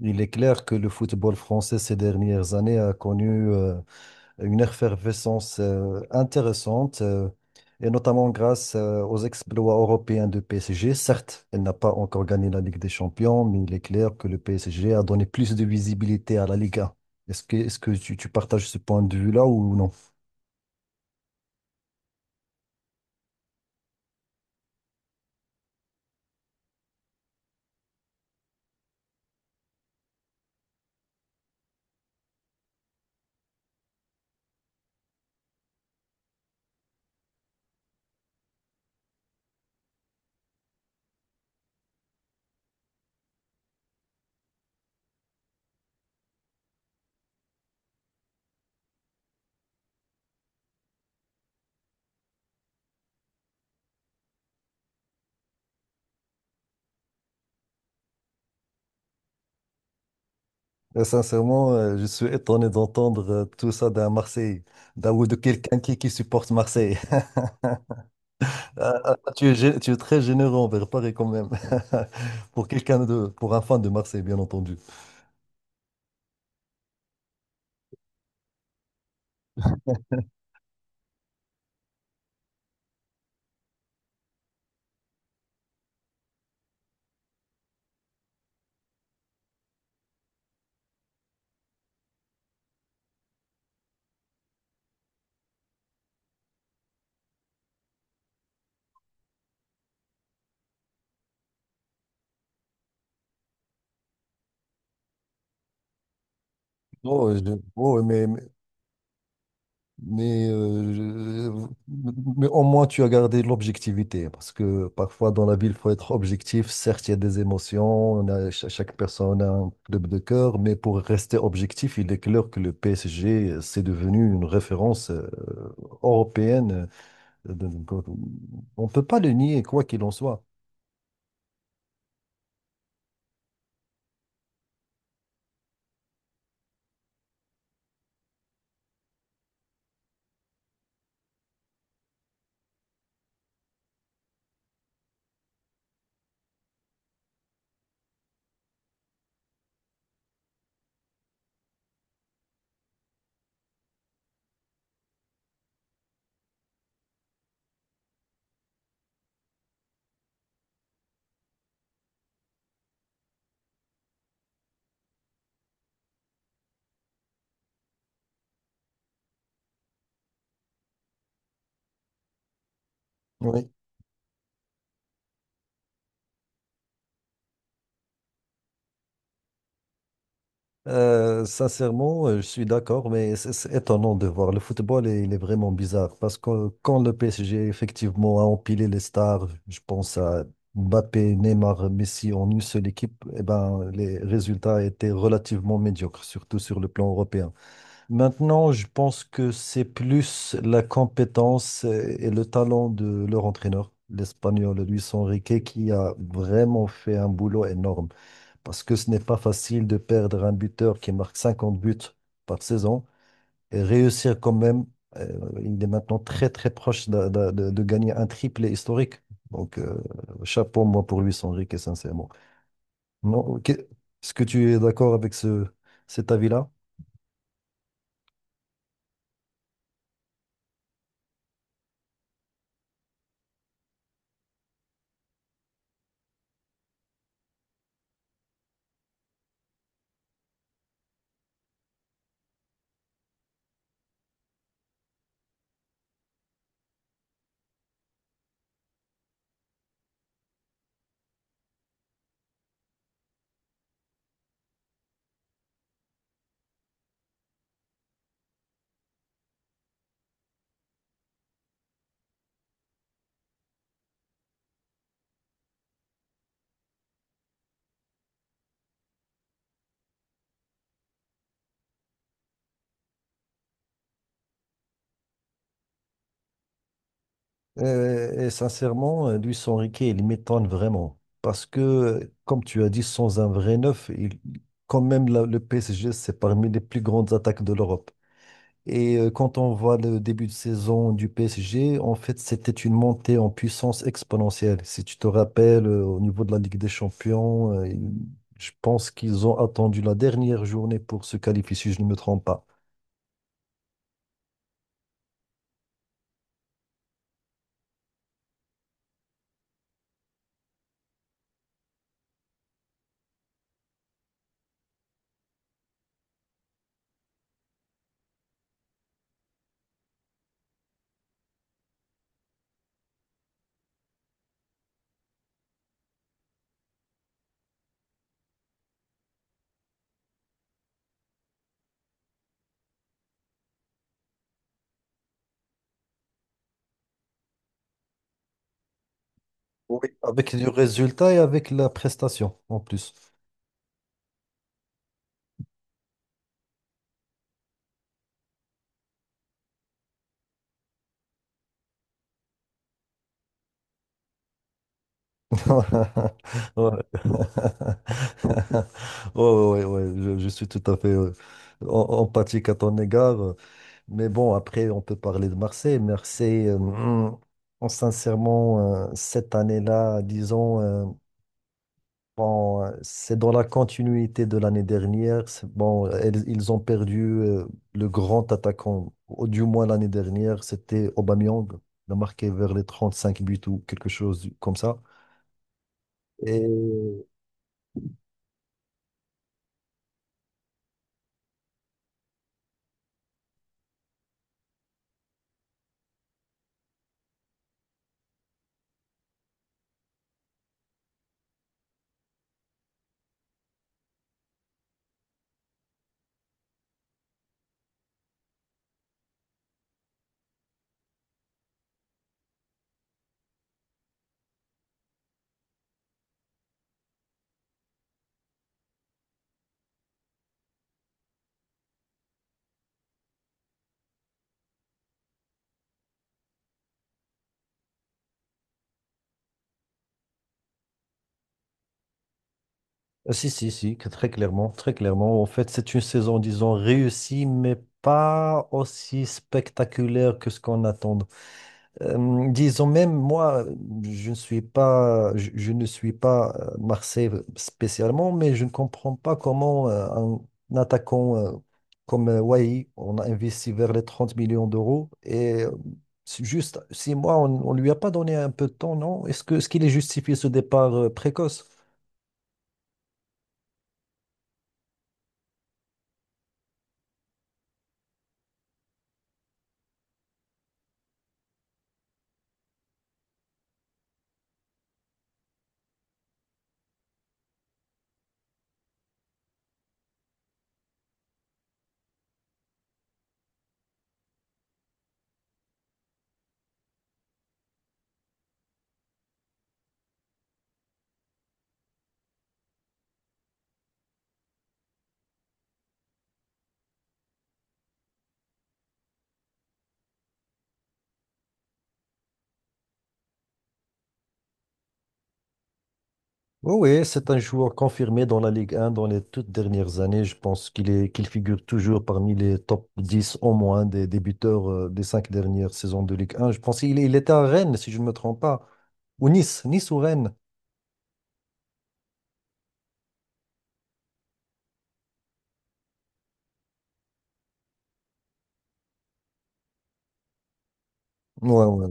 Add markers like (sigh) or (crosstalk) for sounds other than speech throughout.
Il est clair que le football français ces dernières années a connu une effervescence intéressante, et notamment grâce aux exploits européens de PSG. Certes, elle n'a pas encore gagné la Ligue des Champions, mais il est clair que le PSG a donné plus de visibilité à la Ligue 1. Est-ce que tu partages ce point de vue-là ou non? Sincèrement, je suis étonné d'entendre tout ça d'un Marseillais, d'un ou de quelqu'un qui supporte Marseille. (laughs) Ah, ah, ah, tu es très généreux envers Paris quand même. (laughs) Pour un fan de Marseille, bien entendu. Oh, je- oh, mais, je- Mais au moins tu as gardé l'objectivité. Parce que parfois dans la ville, il faut être objectif. Certes, il y a des émotions, chaque personne a un club de cœur, mais pour rester objectif, il est clair que le PSG, c'est devenu une référence européenne. Euh, de- de- On ne peut pas le nier, quoi qu'il en soit. Sincèrement, je suis d'accord, mais c'est étonnant de voir. Il est vraiment bizarre parce que quand le PSG effectivement a empilé les stars, je pense à Mbappé, Neymar, Messi en une seule équipe, eh ben, les résultats étaient relativement médiocres, surtout sur le plan européen. Maintenant, je pense que c'est plus la compétence et le talent de leur entraîneur, l'Espagnol Luis Enrique, qui a vraiment fait un boulot énorme parce que ce n'est pas facile de perdre un buteur qui marque 50 buts par saison et réussir quand même. Il est maintenant très très proche de gagner un triplé historique. Donc chapeau moi pour lui, Enrique, sincèrement. Non, ok. Est-ce que tu es d'accord avec ce, Cet avis-là? Et sincèrement, Luis Enrique, il m'étonne vraiment. Parce que, comme tu as dit, sans un vrai neuf, quand même le PSG, c'est parmi les plus grandes attaques de l'Europe. Et quand on voit le début de saison du PSG, en fait, c'était une montée en puissance exponentielle. Si tu te rappelles, au niveau de la Ligue des Champions, je pense qu'ils ont attendu la dernière journée pour se qualifier, si je ne me trompe pas. Oui. Avec le résultat et avec la prestation, en plus. (laughs) Ouais. (laughs) Ouais, ouais, ouais, je suis tout à fait en- empathique à ton égard. Mais bon, après, on peut parler de Marseille. Marseille, cette année-là, disons, c'est dans la continuité de l'année dernière. Ils ont perdu le grand attaquant, du moins l'année dernière, c'était Aubameyang. Il a marqué vers les 35 buts ou comme ça. Et ah, si, si, si, que très clairement, très clairement. En fait, c'est une saison, disons, réussie, mais pas aussi spectaculaire que ce qu'on attend. Disons, même moi, je ne suis pas Marseille spécialement, mais je ne comprends pas comment un attaquant comme Wai, on a investi vers les 30 millions d'euros, et c'est juste 6 mois, on ne lui a pas donné un peu de temps, non? Ce qu'il est justifié ce départ précoce? Oui, oui, c'est un joueur confirmé dans la Ligue 1 dans les toutes dernières années. Je pense qu'il est, qu'il figure toujours parmi les top 10 au moins des buteurs des 5 dernières saisons de Ligue 1. Je pense qu'il est- Il était à Rennes, si je ne me trompe pas, ou Nice, Nice ou Rennes. Ouais, ouais.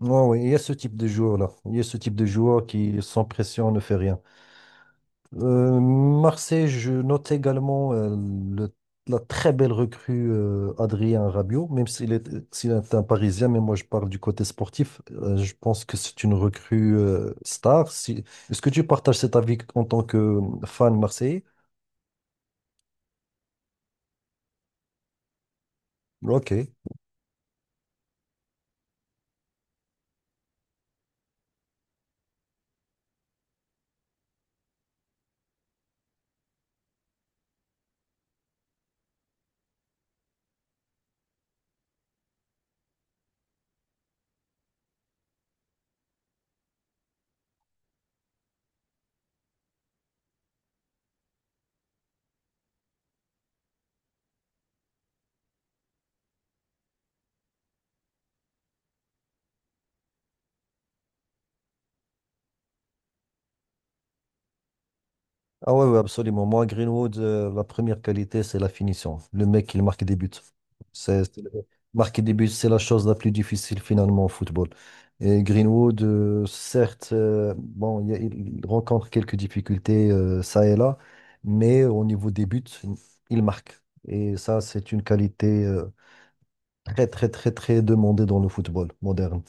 Ouais, ouais, ouais, il y a ce type de joueur-là. Il y a ce type de joueur qui, sans pression, ne fait rien. Marseille, je note également la très belle recrue Adrien Rabiot, s'il est un Parisien, mais moi je parle du côté sportif. Je pense que c'est une recrue star. Est-ce que tu partages cet avis en tant que fan marseillais? Ok. Ah ouais, ouais, absolument. Moi, Greenwood, la première qualité, c'est la finition. Le mec, il marque des buts. C'est, c'est- Marquer des buts, c'est la chose la plus difficile finalement au football. Et Greenwood, certes, il rencontre quelques difficultés ça et là, mais au niveau des buts, il marque. Et ça, c'est une qualité très, très, très, très demandée dans le football moderne.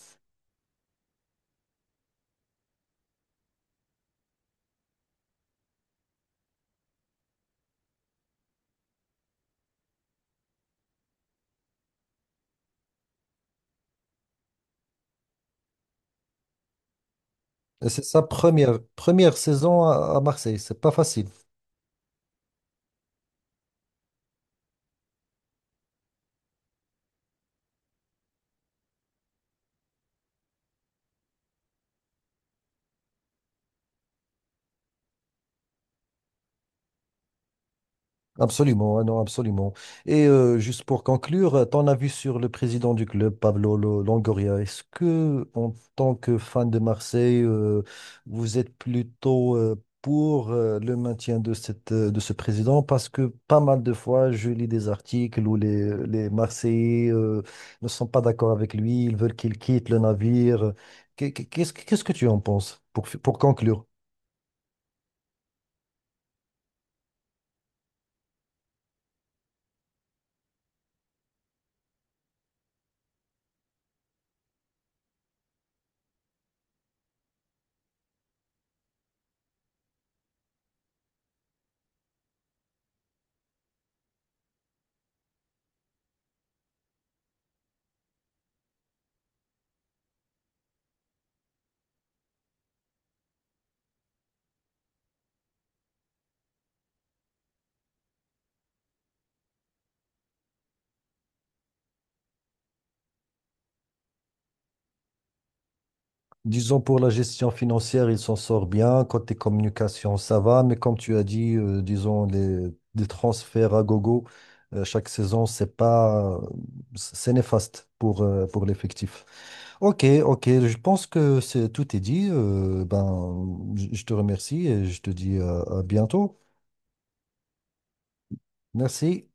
Et c'est sa première saison à Marseille. C'est pas facile. Absolument, ah non, absolument. Et juste pour conclure, ton avis sur le président du club, Longoria, est-ce que, en tant que fan de Marseille, vous êtes plutôt pour le maintien de de ce président? Parce que pas mal de fois, je lis des articles où les Marseillais ne sont pas d'accord avec lui, ils veulent qu'il quitte le navire. Qu'est-ce que tu en penses pour conclure? Disons pour la gestion financière, il s'en sort bien. Côté communication, ça va. Mais comme tu as dit, disons les transferts à gogo chaque saison, c'est pas, c'est néfaste pour l'effectif. Ok, ok. Je pense que c'est, tout est dit. Je te remercie et je te dis à bientôt. Merci.